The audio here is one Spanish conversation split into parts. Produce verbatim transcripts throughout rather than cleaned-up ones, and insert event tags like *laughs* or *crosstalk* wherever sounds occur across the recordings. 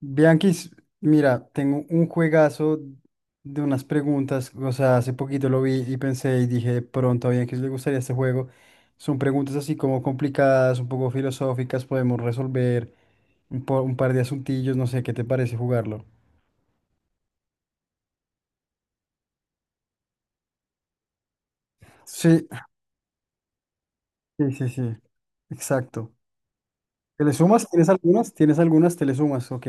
Bianquis, mira, tengo un juegazo de unas preguntas, o sea, hace poquito lo vi y pensé y dije, de pronto a Bianquis le gustaría este juego. Son preguntas así como complicadas, un poco filosóficas, podemos resolver un, po- un par de asuntillos, no sé, ¿qué te parece jugarlo? Sí, sí, sí, sí, exacto. ¿Te le sumas? ¿Tienes algunas? ¿Tienes algunas? ¿Te le sumas? Ok.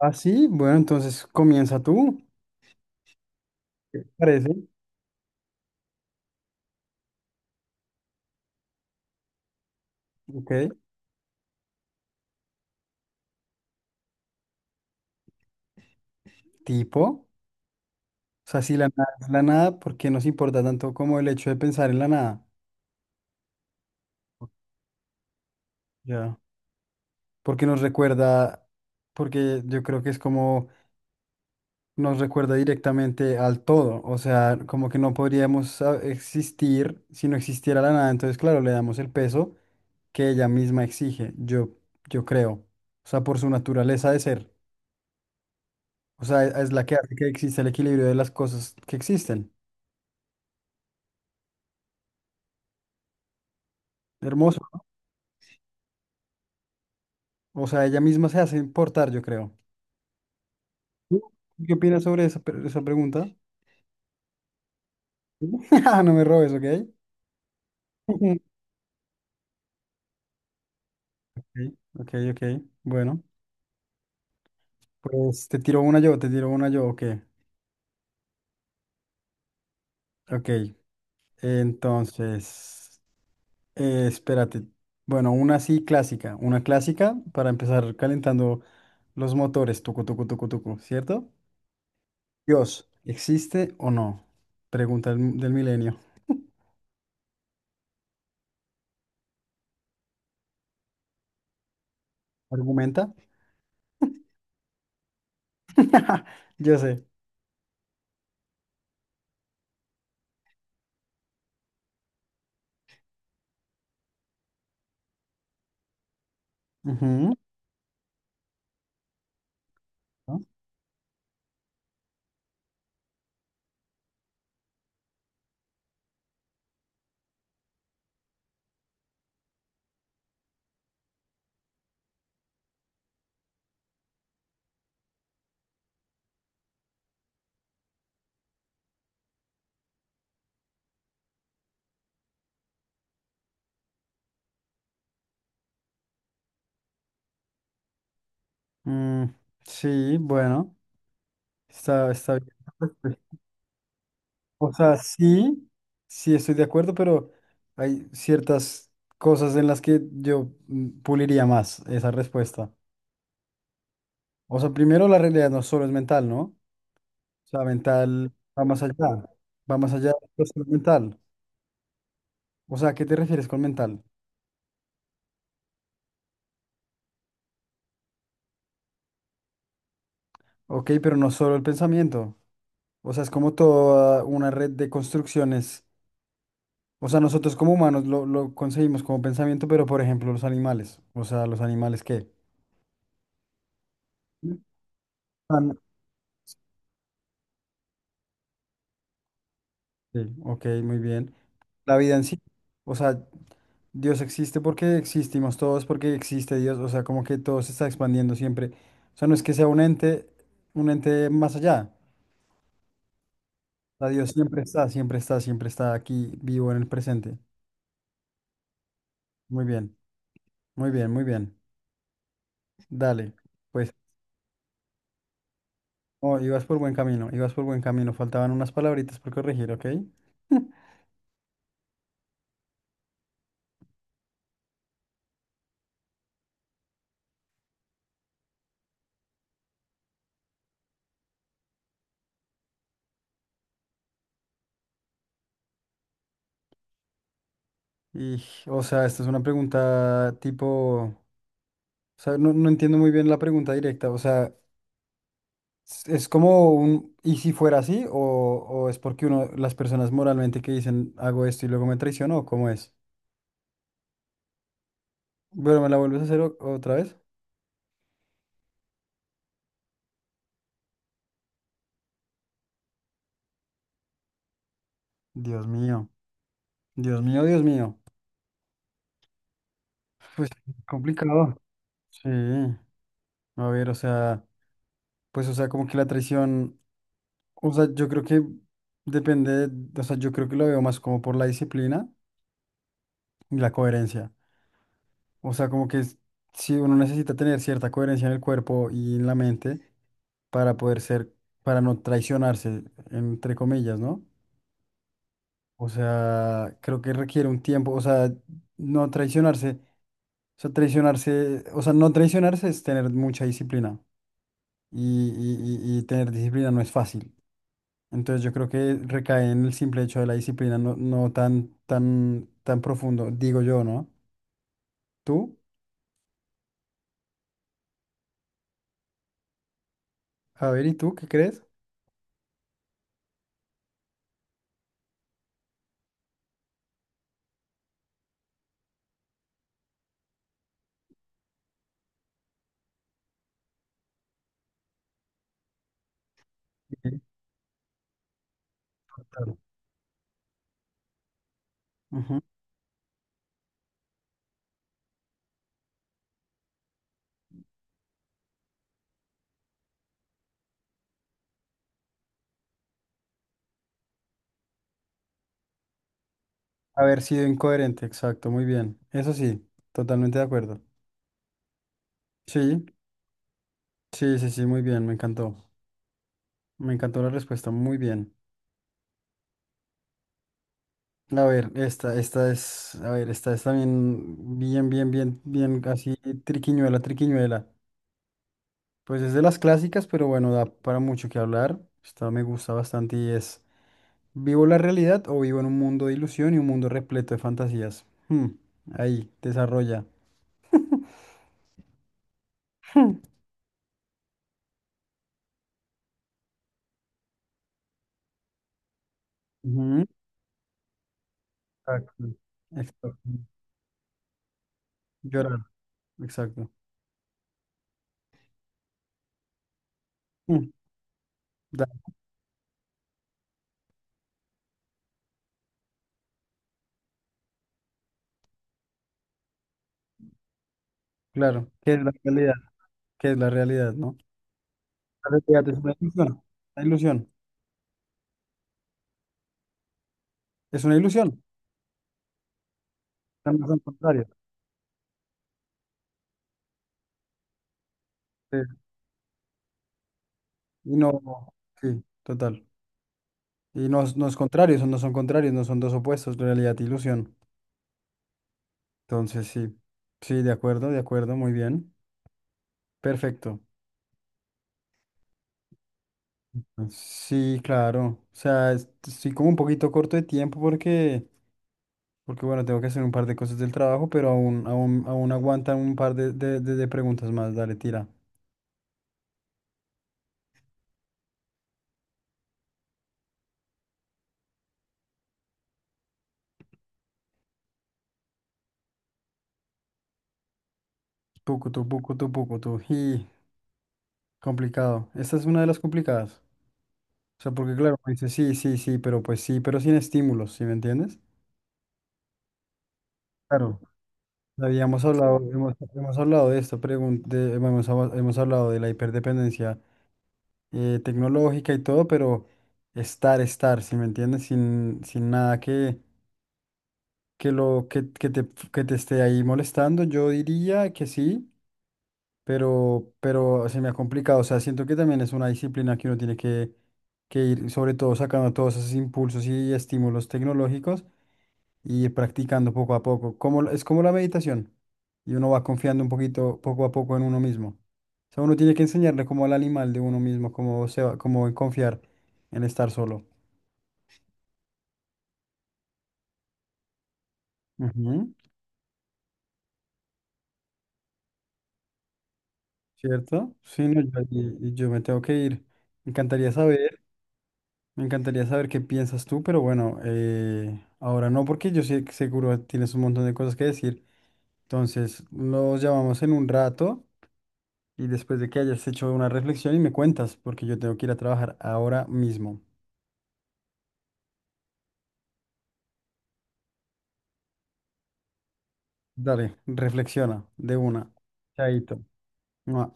Ah, sí, bueno, entonces comienza tú. ¿Qué te parece? Ok. Tipo. O sea, si la nada es la nada, ¿por qué nos importa tanto como el hecho de pensar en la nada? Ya. Porque nos recuerda, porque yo creo que es como nos recuerda directamente al todo. O sea, como que no podríamos ah, existir si no existiera la nada. Entonces, claro, le damos el peso que ella misma exige, yo, yo creo. O sea, por su naturaleza de ser. O sea, es es la que hace que exista el equilibrio de las cosas que existen. Hermoso. O sea, ella misma se hace importar, yo creo. ¿Tú ¿Qué opinas sobre esa, pre- esa pregunta? *laughs* No me robes, ¿ok? *laughs* Ok, ok, ok. Bueno, pues te tiro una yo, te tiro una yo, ok. Ok, entonces, eh, espérate. Bueno, una así clásica, una clásica para empezar calentando los motores, tucu, tucu, tucu, tucu, ¿cierto? Dios, ¿existe o no? Pregunta del, del milenio. ¿Argumenta? *laughs* Yo sé. Ujú. ¿No? Mm, sí, bueno. Está, está bien. Pues, o sea, sí, sí estoy de acuerdo, pero hay ciertas cosas en las que yo mm, puliría más esa respuesta. O sea, primero la realidad no solo es mental, ¿no? O sea, mental va más allá, va más allá de solo mental. O sea, ¿a qué te refieres con mental? Ok, pero no solo el pensamiento. O sea, es como toda una red de construcciones. O sea, nosotros como humanos lo, lo conseguimos como pensamiento, pero por ejemplo los animales. O sea, los animales qué. Sí, ok, muy bien. La vida en sí, o sea, Dios existe porque existimos todos, porque existe Dios, o sea, como que todo se está expandiendo siempre. O sea, no es que sea un ente, un ente más allá. O sea, Dios siempre está, siempre está, siempre está aquí vivo en el presente. Muy bien, muy bien, muy bien. Dale, pues, oh, ibas por buen camino, ibas por buen camino. Faltaban unas palabritas por corregir, ¿ok? Y, o sea, esta es una pregunta tipo, o sea, no, no entiendo muy bien la pregunta directa, o sea... Es es como un, ¿y si fuera así? ¿O, o es porque uno, las personas moralmente que dicen, hago esto y luego me traiciono? ¿O cómo es? Bueno, ¿me la vuelves a hacer o- otra vez? Dios mío, Dios mío, Dios mío. Pues complicado. Sí, a ver, o sea, pues o sea, como que la traición, o sea, yo creo que depende, de- o sea, yo creo que lo veo más como por la disciplina y la coherencia. O sea, como que es- si uno necesita tener cierta coherencia en el cuerpo y en la mente, para poder ser, para no traicionarse, entre comillas, ¿no? O sea, creo que requiere un tiempo, o sea, no traicionarse, o sea, traicionarse, o sea, no traicionarse es tener mucha disciplina y, y- y- y tener disciplina no es fácil. Entonces yo creo que recae en el simple hecho de la disciplina, no, no tan, tan, tan profundo, digo yo, ¿no? ¿Tú? A ver, ¿y tú qué crees? Sí, total. Ujú. Haber sido incoherente, exacto, muy bien. Eso sí, totalmente de acuerdo. Sí. Sí, sí, sí, muy bien, me encantó. Me encantó la respuesta, muy bien. A ver, esta, esta es, a ver, esta es también bien, bien, bien, bien, así, triquiñuela, triquiñuela. Pues es de las clásicas, pero bueno, da para mucho que hablar. Esta me gusta bastante y es, ¿vivo la realidad o vivo en un mundo de ilusión y un mundo repleto de fantasías? Hmm, ahí, desarrolla. Ujú. Exacto. Exacto. Llorar, exacto. Hmm, da- claro, ¿qué es la realidad? ¿Qué es la realidad, no? La realidad es una ilusión, una ilusión, es una ilusión, no son contrarios. Sí. Y no, sí, total. Y no, es- no es contrario, son, no son contrarios, no son dos opuestos, realidad e ilusión. Entonces, sí, sí, de acuerdo, de acuerdo, muy bien. Perfecto. Sí, claro. O sea, es- estoy como un poquito corto de tiempo porque, porque, bueno, tengo que hacer un par de cosas del trabajo, pero aún, aún, aún aguantan un par de, de, de- de preguntas más. Dale, tira. Tucu, tu, pucu, tu, pucu, tu. Y complicado. Esta es una de las complicadas. O sea, porque claro, me dice, sí, sí, sí, pero pues sí, pero sin estímulos, ¿sí me entiendes? Claro, habíamos hablado, hemos, hemos hablado de esta pregunta hemos, hab- hemos hablado de la hiperdependencia eh, tecnológica y todo, pero estar, estar, ¿sí me entiendes? Sin, sin nada que, que, lo, que, que, te, que te esté ahí molestando, yo diría que sí, pero, pero se me ha complicado, o sea, siento que también es una disciplina que uno tiene que, que ir, sobre todo sacando todos esos impulsos y estímulos tecnológicos y ir practicando poco a poco. Como, la- es como la meditación. Y uno va confiando un poquito, poco a poco en uno mismo. O sea, uno tiene que enseñarle como al animal de uno mismo, cómo se va, cómo en confiar en estar solo. Ujú. ¿Cierto? Sí, no, yo, y- y yo me tengo que ir. Me encantaría saber, me encantaría saber qué piensas tú, pero bueno, eh, ahora no, porque yo sé que seguro tienes un montón de cosas que decir. Entonces, los llamamos en un rato. Y después de que hayas hecho una reflexión y me cuentas, porque yo tengo que ir a trabajar ahora mismo. Dale, reflexiona de una. Chaito. Mua.